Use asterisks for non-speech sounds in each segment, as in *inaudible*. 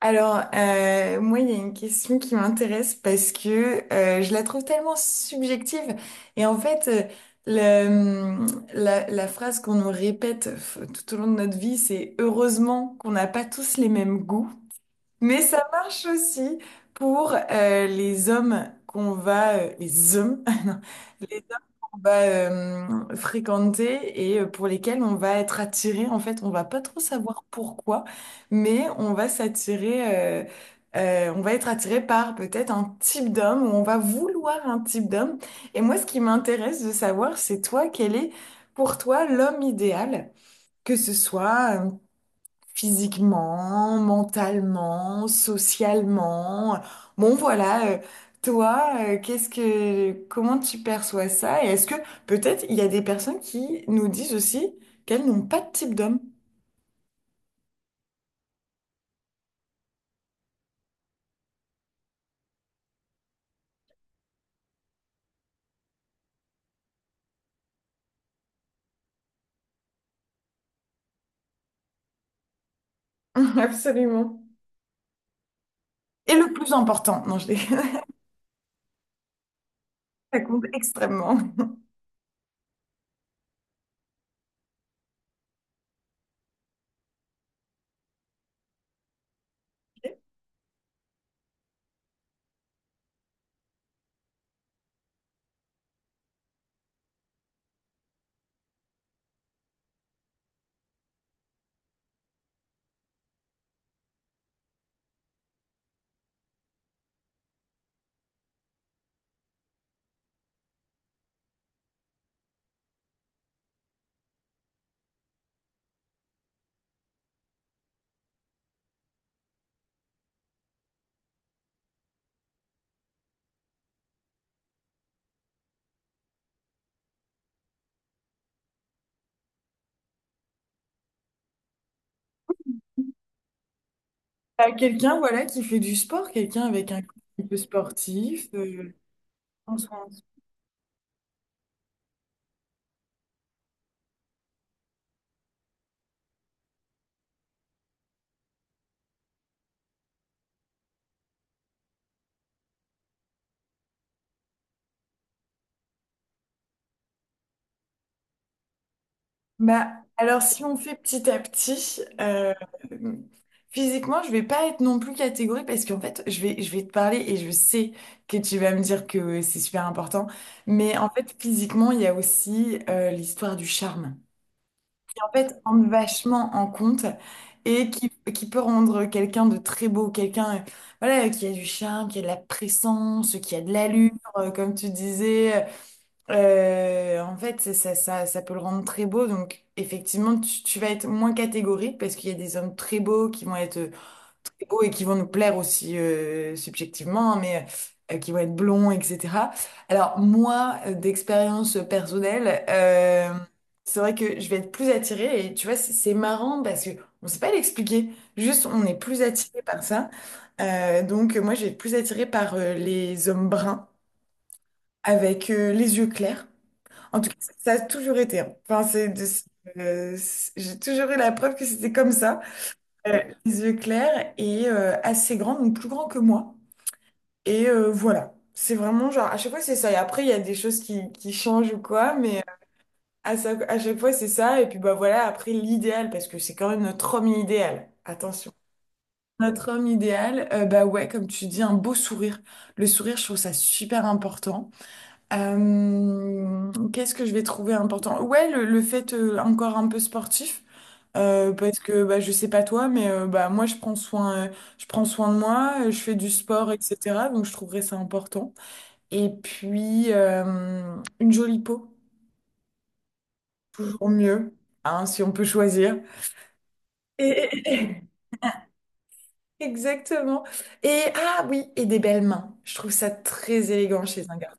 Moi, il y a une question qui m'intéresse parce que je la trouve tellement subjective. Et en fait, euh, le- hum, la, la phrase qu'on nous répète tout au long de notre vie, c'est heureusement qu'on n'a pas tous les mêmes goûts. Mais ça marche aussi pour les hommes *laughs* non, les hommes qu'on va fréquenter et pour lesquels on va être attiré. En fait, on va pas trop savoir pourquoi, mais on va s'attirer. On va être attiré par peut-être un type d'homme ou on va vouloir un type d'homme. Et moi, ce qui m'intéresse de savoir, c'est toi, quel est pour toi l'homme idéal, que ce soit physiquement, mentalement, socialement. Bon, voilà, comment tu perçois ça? Et est-ce que peut-être il y a des personnes qui nous disent aussi qu'elles n'ont pas de type d'homme? *laughs* Absolument. Et le plus important, non, je les *laughs* ça compte extrêmement. À quelqu'un, voilà, qui fait du sport, quelqu'un avec un corps un peu sportif, euh, bah, alors si on fait petit à petit, physiquement, je vais pas être non plus catégorique parce qu'en fait, je vais te parler et je sais que tu vas me dire que c'est super important. Mais en fait, physiquement, il y a aussi l'histoire du charme. Qui, en fait, rentre vachement en compte et qui peut rendre quelqu'un de très beau, quelqu'un voilà, qui a du charme, qui a de la présence, qui a de l'allure, comme tu disais. En fait, ça peut le rendre très beau. Donc, effectivement, tu vas être moins catégorique parce qu'il y a des hommes très beaux qui vont être très beaux et qui vont nous plaire aussi subjectivement, hein, mais qui vont être blonds, etc. Alors, moi, d'expérience personnelle, c'est vrai que je vais être plus attirée. Et tu vois, c'est marrant parce que on sait pas l'expliquer. Juste, on est plus attiré par ça. Donc, moi, je vais être plus attirée par les hommes bruns avec les yeux clairs. En tout cas, ça a toujours été, hein. Enfin, j'ai toujours eu la preuve que c'était comme ça. Les yeux clairs et assez grand, donc plus grand que moi. Et voilà. C'est vraiment genre, à chaque fois, c'est ça. Et après, il y a des choses qui changent ou quoi, mais à chaque fois, c'est ça. Et puis, bah voilà, après, l'idéal, parce que c'est quand même notre homme idéal. Attention. Notre homme idéal, bah ouais, comme tu dis, un beau sourire. Le sourire, je trouve ça super important. Qu'est-ce que je vais trouver important? Ouais, le fait encore un peu sportif, parce que bah, je sais pas toi, mais bah, moi je prends soin de moi, je fais du sport, etc. Donc je trouverais ça important. Et puis une jolie peau, toujours mieux, hein, si on peut choisir. Et- *laughs* Exactement. Et ah oui, et des belles mains. Je trouve ça très élégant chez un garçon.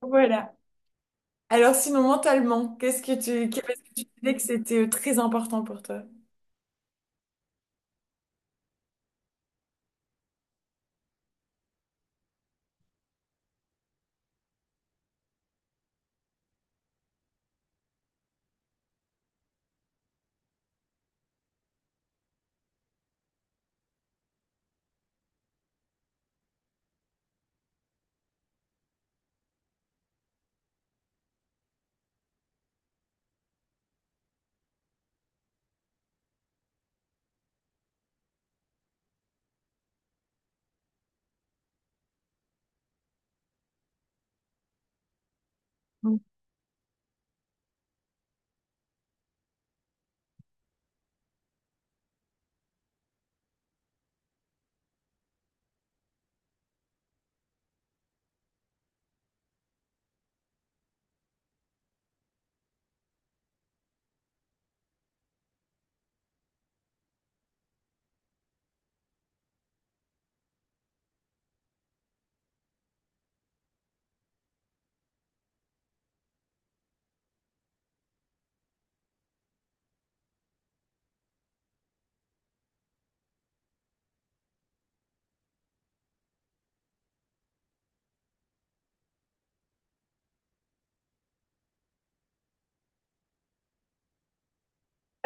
Voilà. Alors sinon, mentalement, qu'est- ce que tu disais que c'était très important pour toi?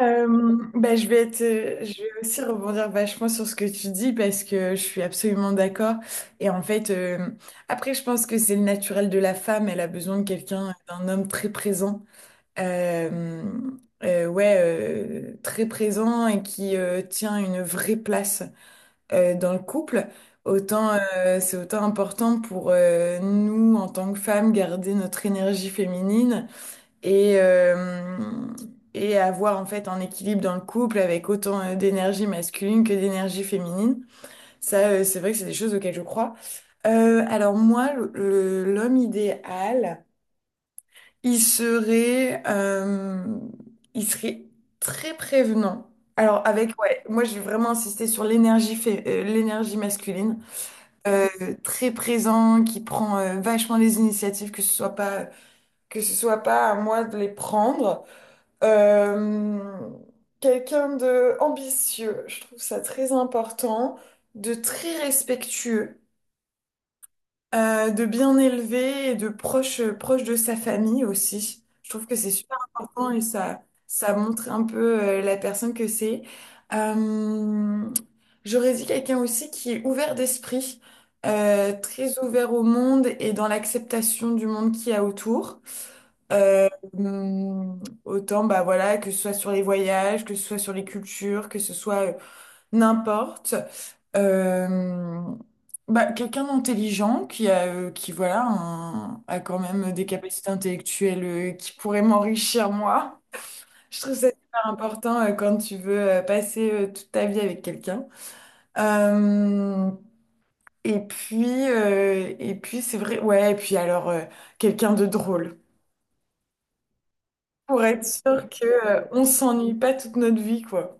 Bah, je vais je vais aussi rebondir vachement sur ce que tu dis parce que je suis absolument d'accord. Et en fait, je pense que c'est le naturel de la femme. Elle a besoin de quelqu'un, d'un homme très présent. Euh, ouais, très présent et qui tient une vraie place dans le couple, autant c'est autant important pour nous en tant que femmes garder notre énergie féminine et et avoir en fait un équilibre dans le couple avec autant d'énergie masculine que d'énergie féminine. Ça, c'est vrai que c'est des choses auxquelles je crois. Alors moi, l'homme idéal, il serait, euh, il serait très prévenant. Alors avec, ouais, moi j'ai vraiment insisté sur l'énergie masculine, euh, très présent, qui prend vachement les initiatives, que ce soit pas à moi de les prendre. Euh, Quelqu'un de ambitieux, je trouve ça très important, de très respectueux. De bien élever et de proche, proche de sa famille aussi. Je trouve que c'est super important et ça montre un peu la personne que c'est. Euh, J'aurais dit quelqu'un aussi qui est ouvert d'esprit, très ouvert au monde et dans l'acceptation du monde qu'il y a autour. Autant, bah voilà, que ce soit sur les voyages, que ce soit sur les cultures, que ce soit n'importe. Euh, bah, quelqu'un d'intelligent qui a quand même des capacités intellectuelles qui pourraient m'enrichir moi. Je trouve ça super important quand tu veux passer toute ta vie avec quelqu'un. Euh, et puis c'est vrai, ouais, et puis alors quelqu'un de drôle pour être sûr que on s'ennuie pas toute notre vie, quoi.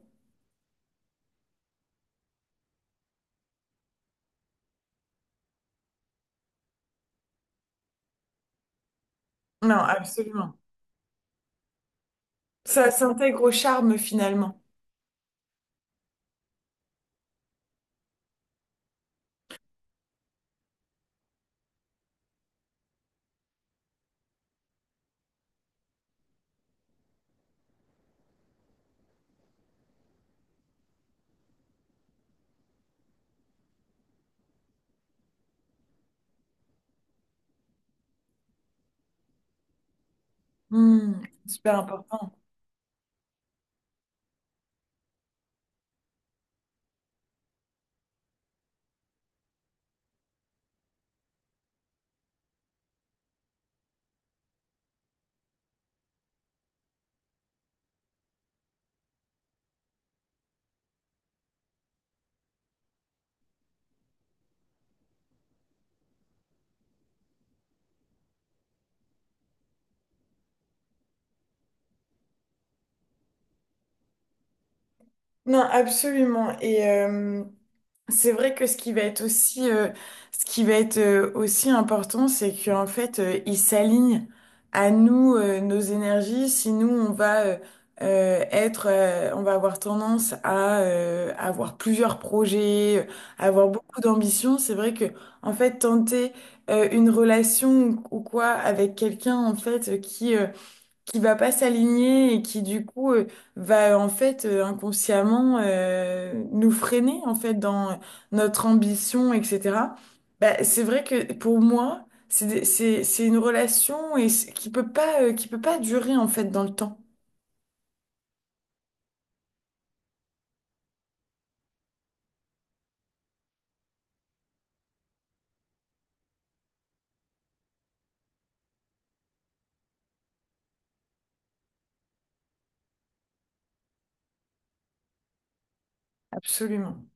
Non, absolument. Ça s'intègre au charme finalement. Hmm, super important. Non, absolument. Et c'est vrai que ce qui va être aussi important, c'est qu'en fait, ils s'alignent à nous, nos énergies. Si nous, on va on va avoir tendance à avoir plusieurs projets, avoir beaucoup d'ambition. C'est vrai que, en fait, tenter une relation ou quoi avec quelqu'un, en fait, qui va pas s'aligner et qui du coup va en fait inconsciemment nous freiner en fait dans notre ambition, etc. Bah, c'est vrai que pour moi, c'est une relation qui peut pas durer en fait dans le temps. Absolument.